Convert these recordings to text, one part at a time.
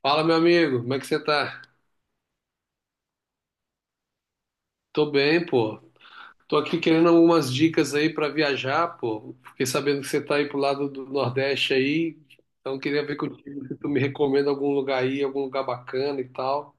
Fala, meu amigo, como é que você tá? Tô bem, pô. Tô aqui querendo algumas dicas aí pra viajar, pô. Fiquei sabendo que você tá aí pro lado do Nordeste aí, então queria ver contigo se tu me recomenda algum lugar aí, algum lugar bacana e tal.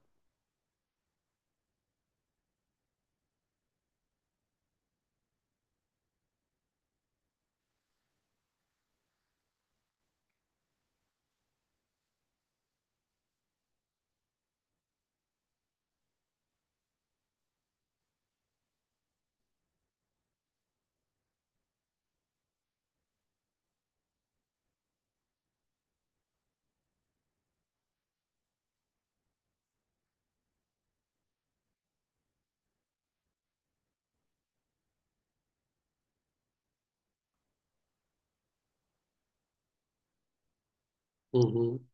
Uhum.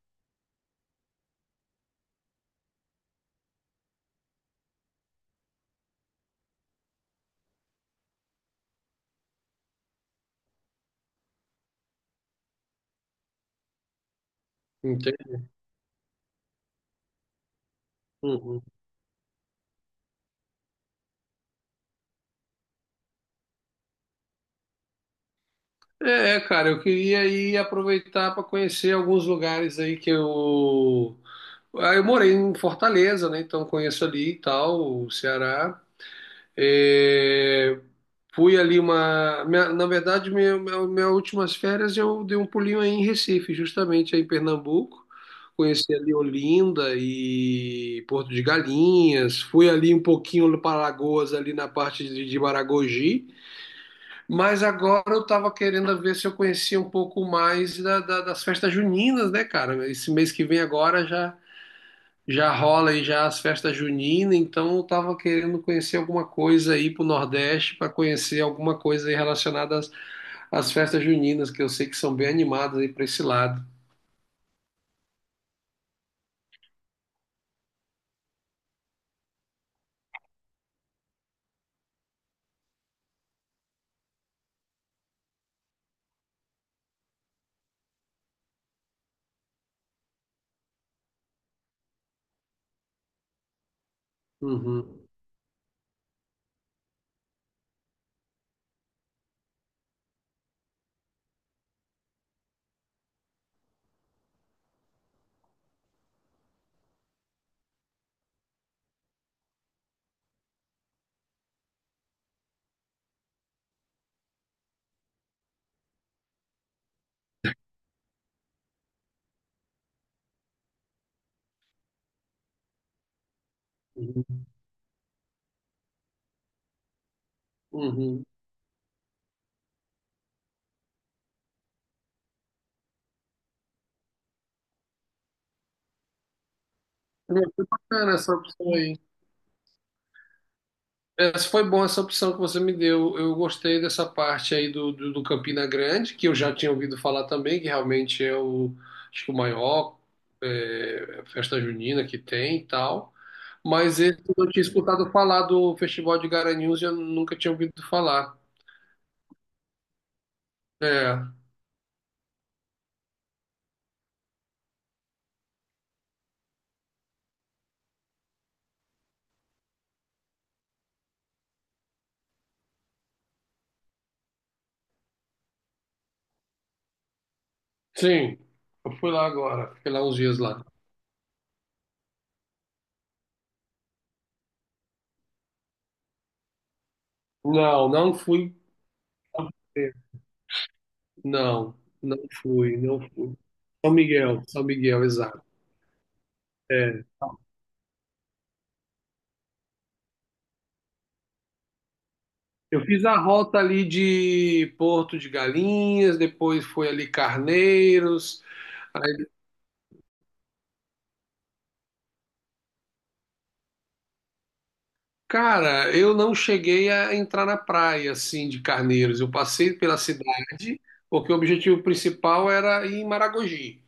Entendi. Uhum. É, cara, eu queria aí aproveitar para conhecer alguns lugares aí que eu. Ah, eu morei em Fortaleza, né? Então conheço ali e tal, o Ceará. É, fui ali uma. Na verdade, minhas últimas férias eu dei um pulinho aí em Recife, justamente aí em Pernambuco. Conheci ali Olinda e Porto de Galinhas. Fui ali um pouquinho para Alagoas, ali na parte de Maragogi. Mas agora eu estava querendo ver se eu conhecia um pouco mais das festas juninas, né, cara? Esse mês que vem agora já já rola aí já as festas juninas, então eu tava querendo conhecer alguma coisa aí pro Nordeste para conhecer alguma coisa aí relacionada às festas juninas, que eu sei que são bem animadas aí para esse lado. Uhum. Uhum. Uhum. Foi bacana essa opção aí. Essa foi boa essa opção que você me deu. Eu gostei dessa parte aí do Campina Grande, que eu já tinha ouvido falar também, que realmente é o, acho que o maior é, festa junina que tem e tal. Mas esse eu não tinha escutado falar do Festival de Garanhuns e eu nunca tinha ouvido falar. É, sim, eu fui lá agora, fiquei lá uns dias lá. Não, não fui. Não, não fui, não fui. São Miguel, São Miguel, exato. É. Eu fiz a rota ali de Porto de Galinhas, depois foi ali Carneiros. Aí, cara, eu não cheguei a entrar na praia assim de Carneiros. Eu passei pela cidade, porque o objetivo principal era ir em Maragogi.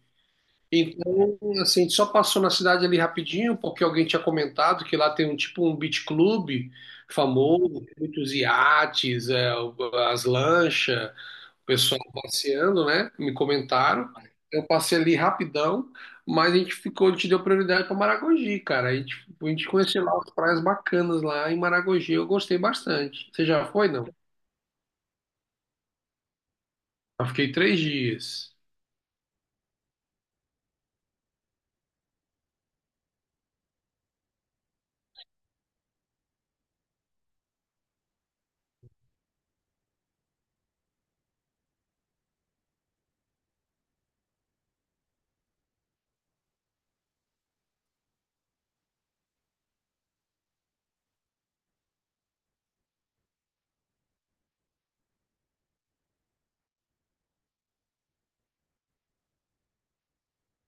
Então, assim, a gente só passou na cidade ali rapidinho, porque alguém tinha comentado que lá tem um tipo um beach club famoso, tem muitos iates, é, as lanchas. O pessoal passeando, né? Me comentaram. Eu passei ali rapidão, mas a gente ficou, a gente deu prioridade para Maragogi, cara. A gente conheceu lá as praias bacanas lá em Maragogi, eu gostei bastante. Você já foi, não? Eu fiquei 3 dias,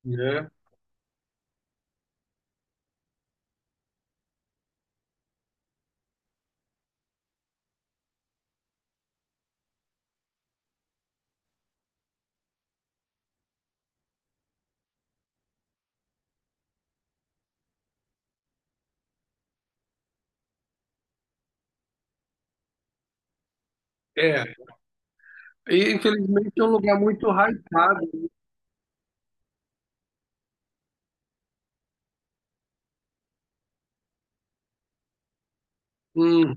né? É, e infelizmente é um lugar muito hypado. Hum,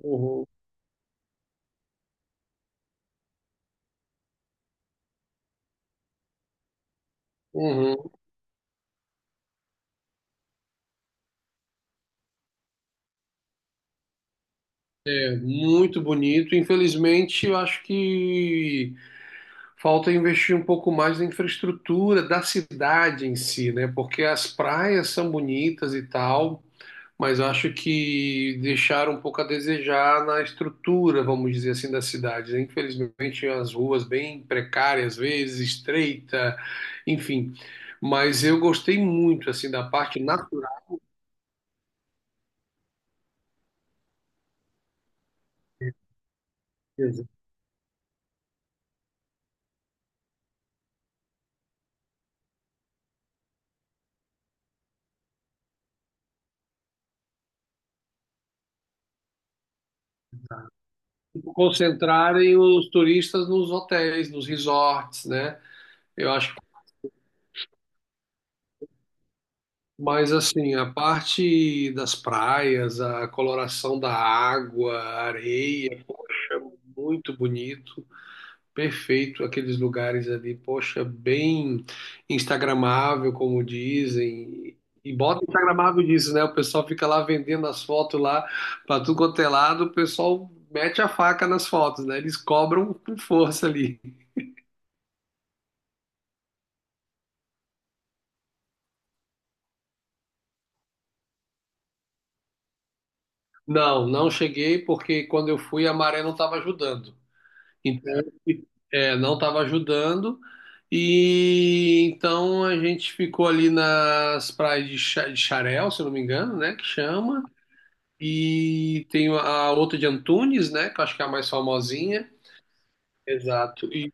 uhum, uhum. É muito bonito. Infelizmente, eu acho que falta investir um pouco mais na infraestrutura da cidade em si, né? Porque as praias são bonitas e tal, mas acho que deixaram um pouco a desejar na estrutura, vamos dizer assim, da cidade, né? Infelizmente, as ruas bem precárias, às vezes estreita, enfim. Mas eu gostei muito assim da parte natural, concentrarem os turistas nos hotéis, nos resorts, né? Eu acho. Mas assim, a parte das praias, a coloração da água, a areia, poxa, muito bonito, perfeito aqueles lugares ali, poxa, bem instagramável, como dizem. E bota instagramável disso, né? O pessoal fica lá vendendo as fotos lá para tudo quanto é lado, o pessoal mete a faca nas fotos, né? Eles cobram com força ali. Não, não cheguei porque quando eu fui a maré não estava ajudando. Então, é, não estava ajudando. E então a gente ficou ali nas praias de Xarel, se eu não me engano, né? Que chama. E tem a outra de Antunes, né? Que eu acho que é a mais famosinha. Exato. E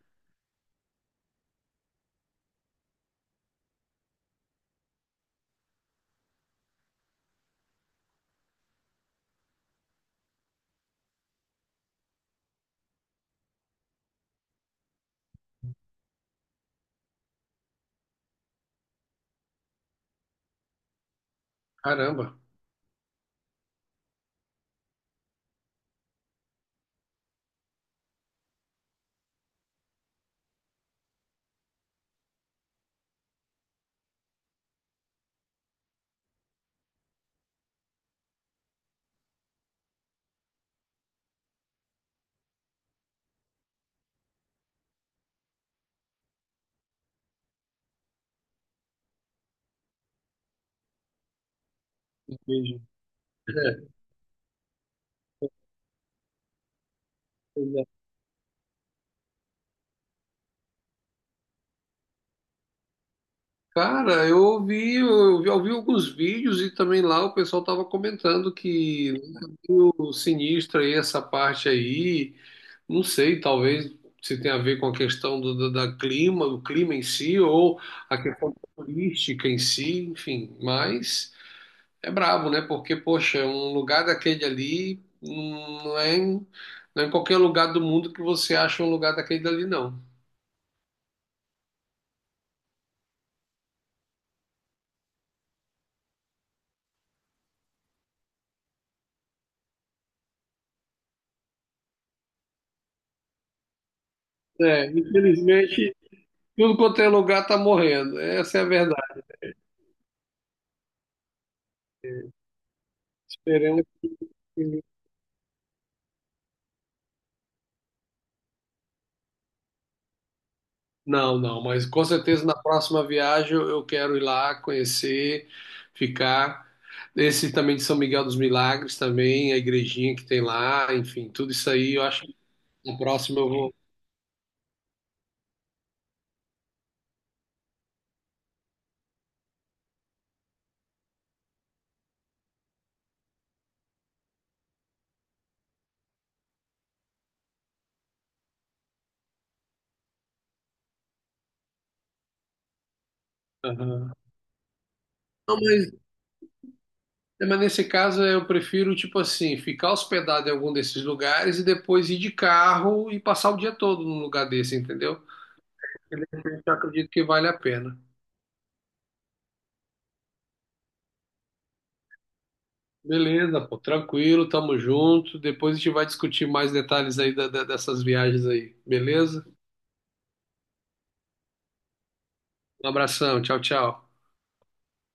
caramba, entendi. É, exato. Cara, eu ouvi, eu vi alguns vídeos e também lá o pessoal tava comentando que o sinistro aí, essa parte aí. Não sei, talvez se tenha a ver com a questão da clima, do clima em si, ou a questão turística em si, enfim. Mas é brabo, né? Porque, poxa, um lugar daquele ali não é em qualquer lugar do mundo que você acha um lugar daquele ali, não. É, infelizmente, tudo quanto é lugar tá morrendo. Essa é a verdade. Esperemos. Não, não, mas com certeza na próxima viagem eu quero ir lá conhecer, ficar. Esse também de São Miguel dos Milagres também, a igrejinha que tem lá, enfim, tudo isso aí eu acho que na próxima eu vou. Aham. Não, mas nesse caso eu prefiro, tipo assim, ficar hospedado em algum desses lugares e depois ir de carro e passar o dia todo num lugar desse, entendeu? Eu acredito que vale a pena. Beleza, pô, tranquilo, tamo junto. Depois a gente vai discutir mais detalhes aí dessas viagens aí, beleza? Um abração, tchau, tchau.